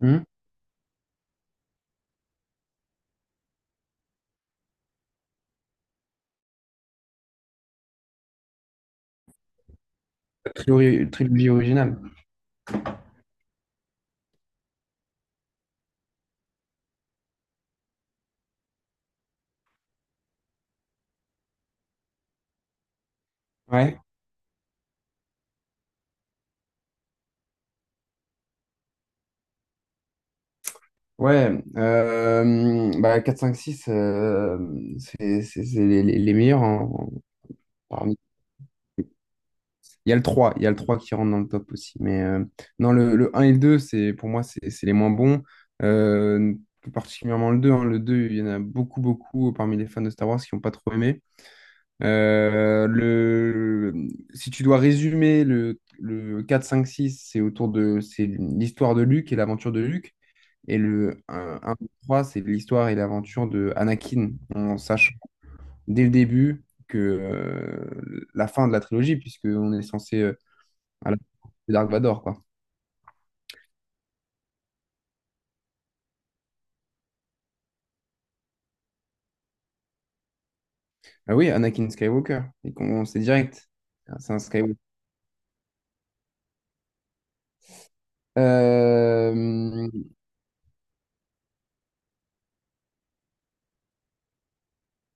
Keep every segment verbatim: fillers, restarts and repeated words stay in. Hmm. La trilogie, trilogie originale. Ouais, ouais. Euh, bah, quatre cinq six, euh, c'est c'est- c'est les, les- les meilleurs. en- en- parmi- Il y a le trois il y a le trois qui rentre dans le top aussi. Mais euh, non, le, le un et le deux, c'est, pour moi, c'est c'est les moins bons. Euh, Plus particulièrement le deux, hein. Le deux, il y en a beaucoup, beaucoup parmi les fans de Star Wars qui n'ont pas trop aimé. Euh, le, Si tu dois résumer le, le quatre cinq six, c'est autour de, c'est l'histoire de Luke et l'aventure de Luke. Et le un, deux, trois, c'est l'histoire et l'aventure de Anakin, en sachant dès le début que euh, la fin de la trilogie, puisqu'on est censé euh, à la c'est Dark Vador, quoi. Ah oui, Anakin Skywalker, et qu'on sait direct, c'est un Skywalker. Euh,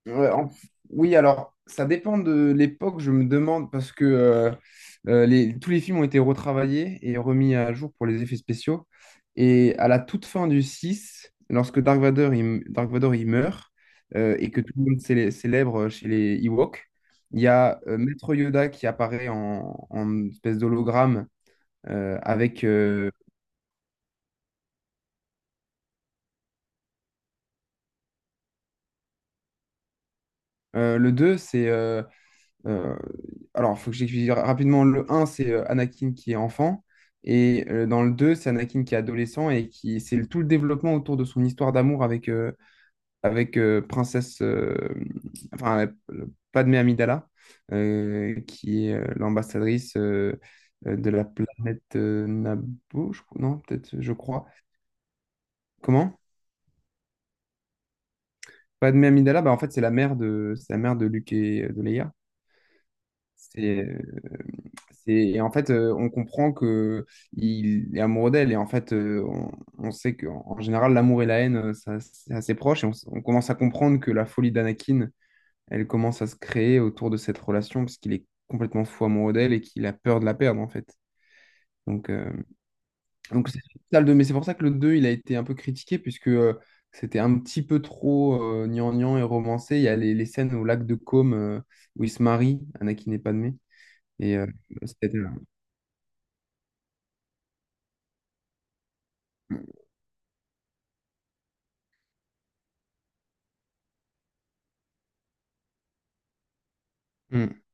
Ouais, en- Oui, alors, ça dépend de l'époque, je me demande, parce que euh, euh, les- tous les films ont été retravaillés et remis à jour pour les effets spéciaux. Et à la toute fin du six, lorsque Dark Vador, il, m- Dark Vador, il meurt, euh, et que tout le monde célé- célèbre chez les Ewoks, il y a, euh, Maître Yoda, qui apparaît en, en espèce d'hologramme, euh, avec... euh, euh, Le deux, c'est... euh, Euh, alors, il faut que j'explique rapidement. Le un, c'est, euh, Anakin qui est enfant. Et euh, dans le deux, c'est Anakin qui est adolescent et qui c'est le- tout le développement autour de son histoire d'amour avec, euh, avec euh, princesse, euh, enfin, euh, Padmé Amidala, euh, qui est, euh, l'ambassadrice, euh, euh, de la planète, euh, Naboo, je crois- non, peut-être, je crois. Comment? Padmé Amidala, bah, en fait, c'est la mère de, c'est la mère de Luke et, euh, de Leia. C'est, euh, c'est, et en fait, euh, on comprend que il est amoureux d'elle. Et en fait, euh, on, on sait qu'en en général, l'amour et la haine, euh, ça, c'est assez proche. Et on, s- on commence à comprendre que la folie d'Anakin, elle commence à se créer autour de cette relation, parce qu'il est complètement fou amoureux d'elle et qu'il a peur de la perdre, en fait. Donc, euh, donc c'est ça, le deux. Mais c'est pour ça que le deux, il a été un peu critiqué, puisque euh, c'était un petit peu trop, euh, gnangnan et romancé. Il y a les, les scènes au lac de Côme, euh, où il se marie, Anakin et Padmé. Et euh, c'était un- Hmm.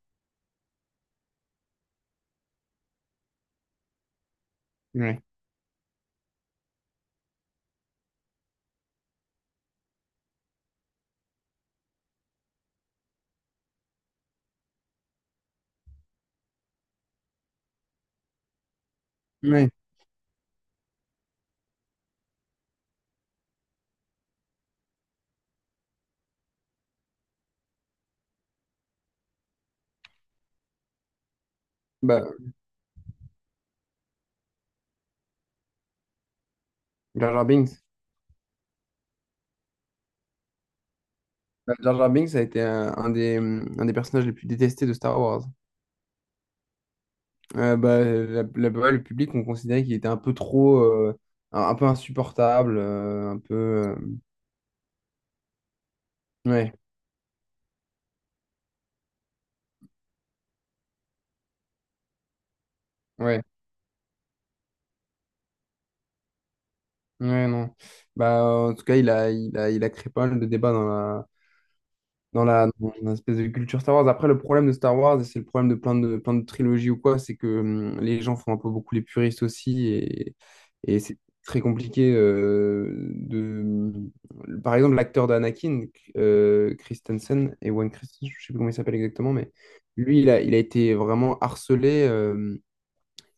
Ouais. Ouais. Bah, Jar Jar Binks. Bah, Jar Jar Binks a été un, un des, hum, un des personnages les plus détestés de Star Wars. Euh, bah, la, la- ouais, le public, on considérait qu'il était un peu trop, euh, un, un peu insupportable, euh, un peu. Euh, ouais, ouais, ouais, non. Bah, en tout cas, il a, il a, il a créé pas mal de débats dans la, dans la, dans une espèce de culture Star Wars. Après, le problème de Star Wars, et c'est le problème de plein de, plein de trilogies ou quoi, c'est que, hum, les gens font un peu beaucoup les puristes aussi, et, et c'est très compliqué, euh, de... hum, Par exemple, l'acteur d'Anakin, euh, Christensen, Ewan Christensen, je sais plus comment il s'appelle exactement, mais lui, il a, il a été vraiment harcelé, euh,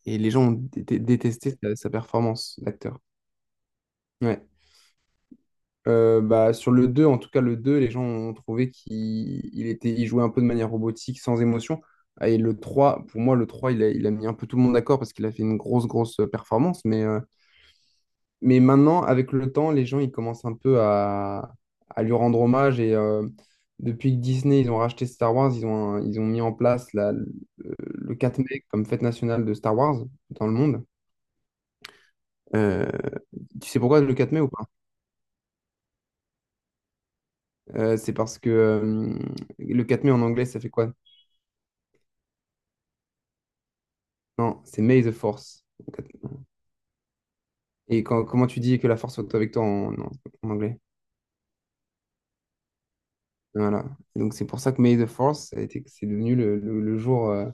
et les gens ont dé- dé- détesté sa, sa performance d'acteur. Ouais. Euh, bah, sur le deux, en tout cas le deux, les gens ont trouvé qu'il il était, il jouait un peu de manière robotique, sans émotion. Ah. Et le trois, pour moi, le trois il a, il a mis un peu tout le monde d'accord, parce qu'il a fait une grosse, grosse, euh, performance. Mais, euh, mais maintenant, avec le temps, les gens, ils commencent un peu à, à lui rendre hommage. Et euh, depuis que Disney, ils ont racheté Star Wars, ils ont, un- ils ont mis en place la- le, le quatre mai comme fête nationale de Star Wars dans le monde. Euh, Tu sais pourquoi le quatre mai ou pas? Euh, c'est parce que, euh, le quatre mai en anglais, ça fait quoi? Non, c'est May the Force. Et quand- comment tu dis que la force soit avec toi, en, en- en anglais? Voilà. Donc c'est pour ça que May the Force, ça a été- c'est devenu le, le- le jour, euh,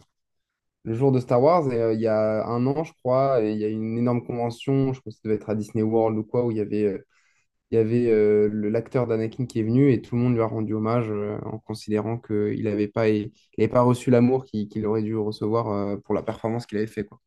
le jour de Star Wars. Et euh, il y a un an, je crois, et il y a eu une énorme convention, je pense que ça devait être à Disney World ou quoi, où il y avait, euh, il y avait euh, le- l'acteur d'Anakin qui est venu, et tout le monde lui a rendu hommage, euh, en considérant qu'il n'avait pas, il avait pas reçu l'amour qu'il qu'il aurait dû recevoir, euh, pour la performance qu'il avait fait, quoi.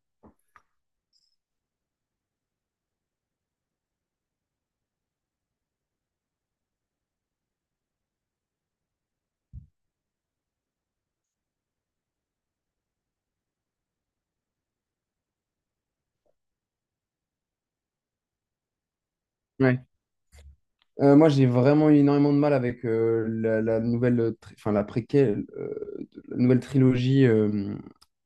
Ouais. Euh, moi, j'ai vraiment eu énormément de mal avec, euh, la, la nouvelle, euh, tri- enfin, la préquelle, euh, de- la nouvelle trilogie, euh,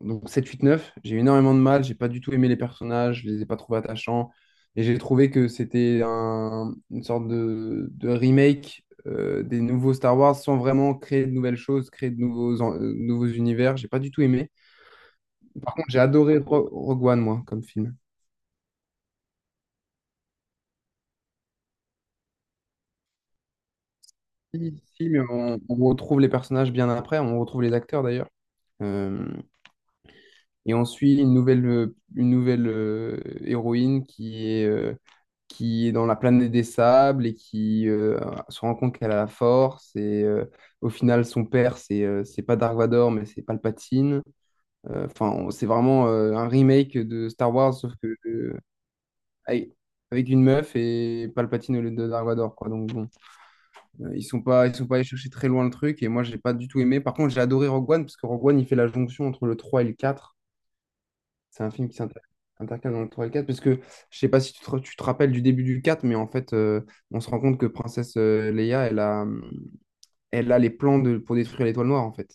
donc sept, huit, neuf. J'ai eu énormément de mal, j'ai pas du tout aimé les personnages, je les ai pas trouvés attachants. Et j'ai trouvé que c'était un- une sorte de, de remake, euh, des nouveaux Star Wars, sans vraiment créer de nouvelles choses, créer de nouveaux, en- euh, nouveaux univers. J'ai pas du tout aimé. Par contre, j'ai adoré Ro- Rogue One, moi, comme film. Si, si, mais on, on retrouve les personnages bien après, on retrouve les acteurs d'ailleurs. Euh, Et on suit une nouvelle, euh, une nouvelle euh, héroïne qui est, euh, qui est dans la planète des sables et qui, euh, se rend compte qu'elle a la force. Et euh, au final, son père, c'est euh, c'est pas Dark Vador, mais c'est Palpatine. Euh, Enfin, on- c'est vraiment, euh, un remake de Star Wars, sauf que, euh, avec avec une meuf, et Palpatine au lieu de Dark Vador, quoi. Donc bon, euh, ils sont pas, ils sont pas allés chercher très loin le truc. Et moi, j'ai pas du tout aimé. Par contre, j'ai adoré Rogue One, parce que Rogue One, il fait la jonction entre le trois et le quatre. C'est un film qui s'inter- intercale dans le trois et le quatre, parce que je sais pas si tu te, tu te rappelles du début du quatre, mais en fait, euh, on se rend compte que Princesse, euh, Leia, elle a, elle a les plans de, pour détruire l'étoile noire, en fait.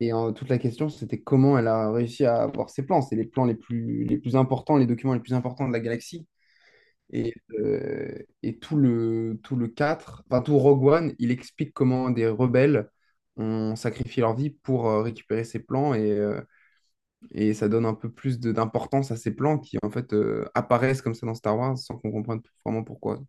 Et euh, toute la question, c'était comment elle a réussi à avoir ces plans. C'est les plans les plus, les plus importants, les documents les plus importants de la galaxie. Et, euh, et tout le, tout le quatre, enfin tout Rogue One, il explique comment des rebelles ont sacrifié leur vie pour, euh, récupérer ces plans, et, euh, et ça donne un peu plus de- d'importance à ces plans qui, en fait, euh, apparaissent comme ça dans Star Wars sans qu'on comprenne vraiment pourquoi.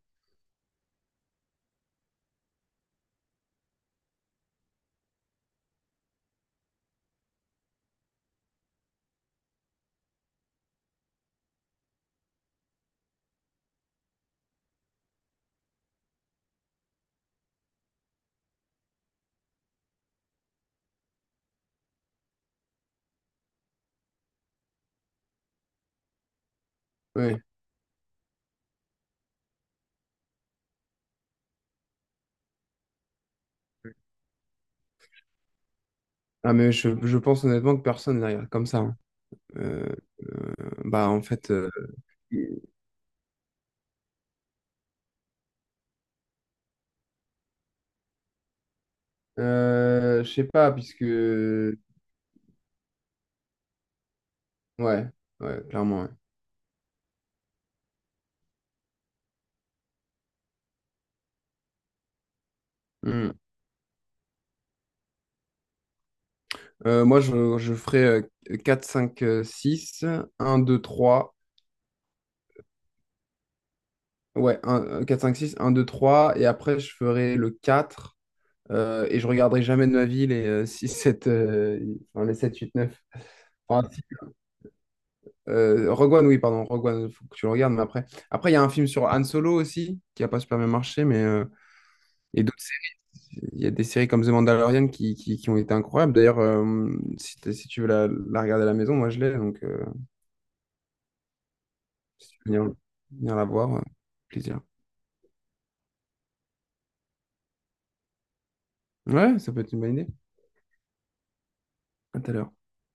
Ouais. Ah, mais je, je pense honnêtement que personne ne les regarde comme ça, hein. Euh, Bah, en fait, euh, euh, je sais pas, puisque. Ouais, ouais, clairement, ouais. Hmm. Euh, moi, je, je ferais, euh, quatre, cinq, euh, six, un, deux, trois. Ouais, un- euh, quatre, cinq, six, un, deux, trois. Et après, je ferais le quatre, euh, et je regarderai jamais de ma vie les, euh, six, sept, euh, enfin, les sept huit neuf. Ah, si. Euh, Rogue One, oui, pardon, Rogue One, faut que tu le regardes, mais après. Après, il y a un film sur Han Solo aussi, qui n'a pas super bien marché, mais, euh, et d'autres séries. Il y a des séries comme The Mandalorian qui, qui, qui ont été incroyables. D'ailleurs, euh, si, t'es- si tu veux la, la regarder à la maison, moi je l'ai, donc, euh, si tu veux venir, venir la voir, euh, plaisir. Ouais, ça peut être une bonne idée. À tout à l'heure.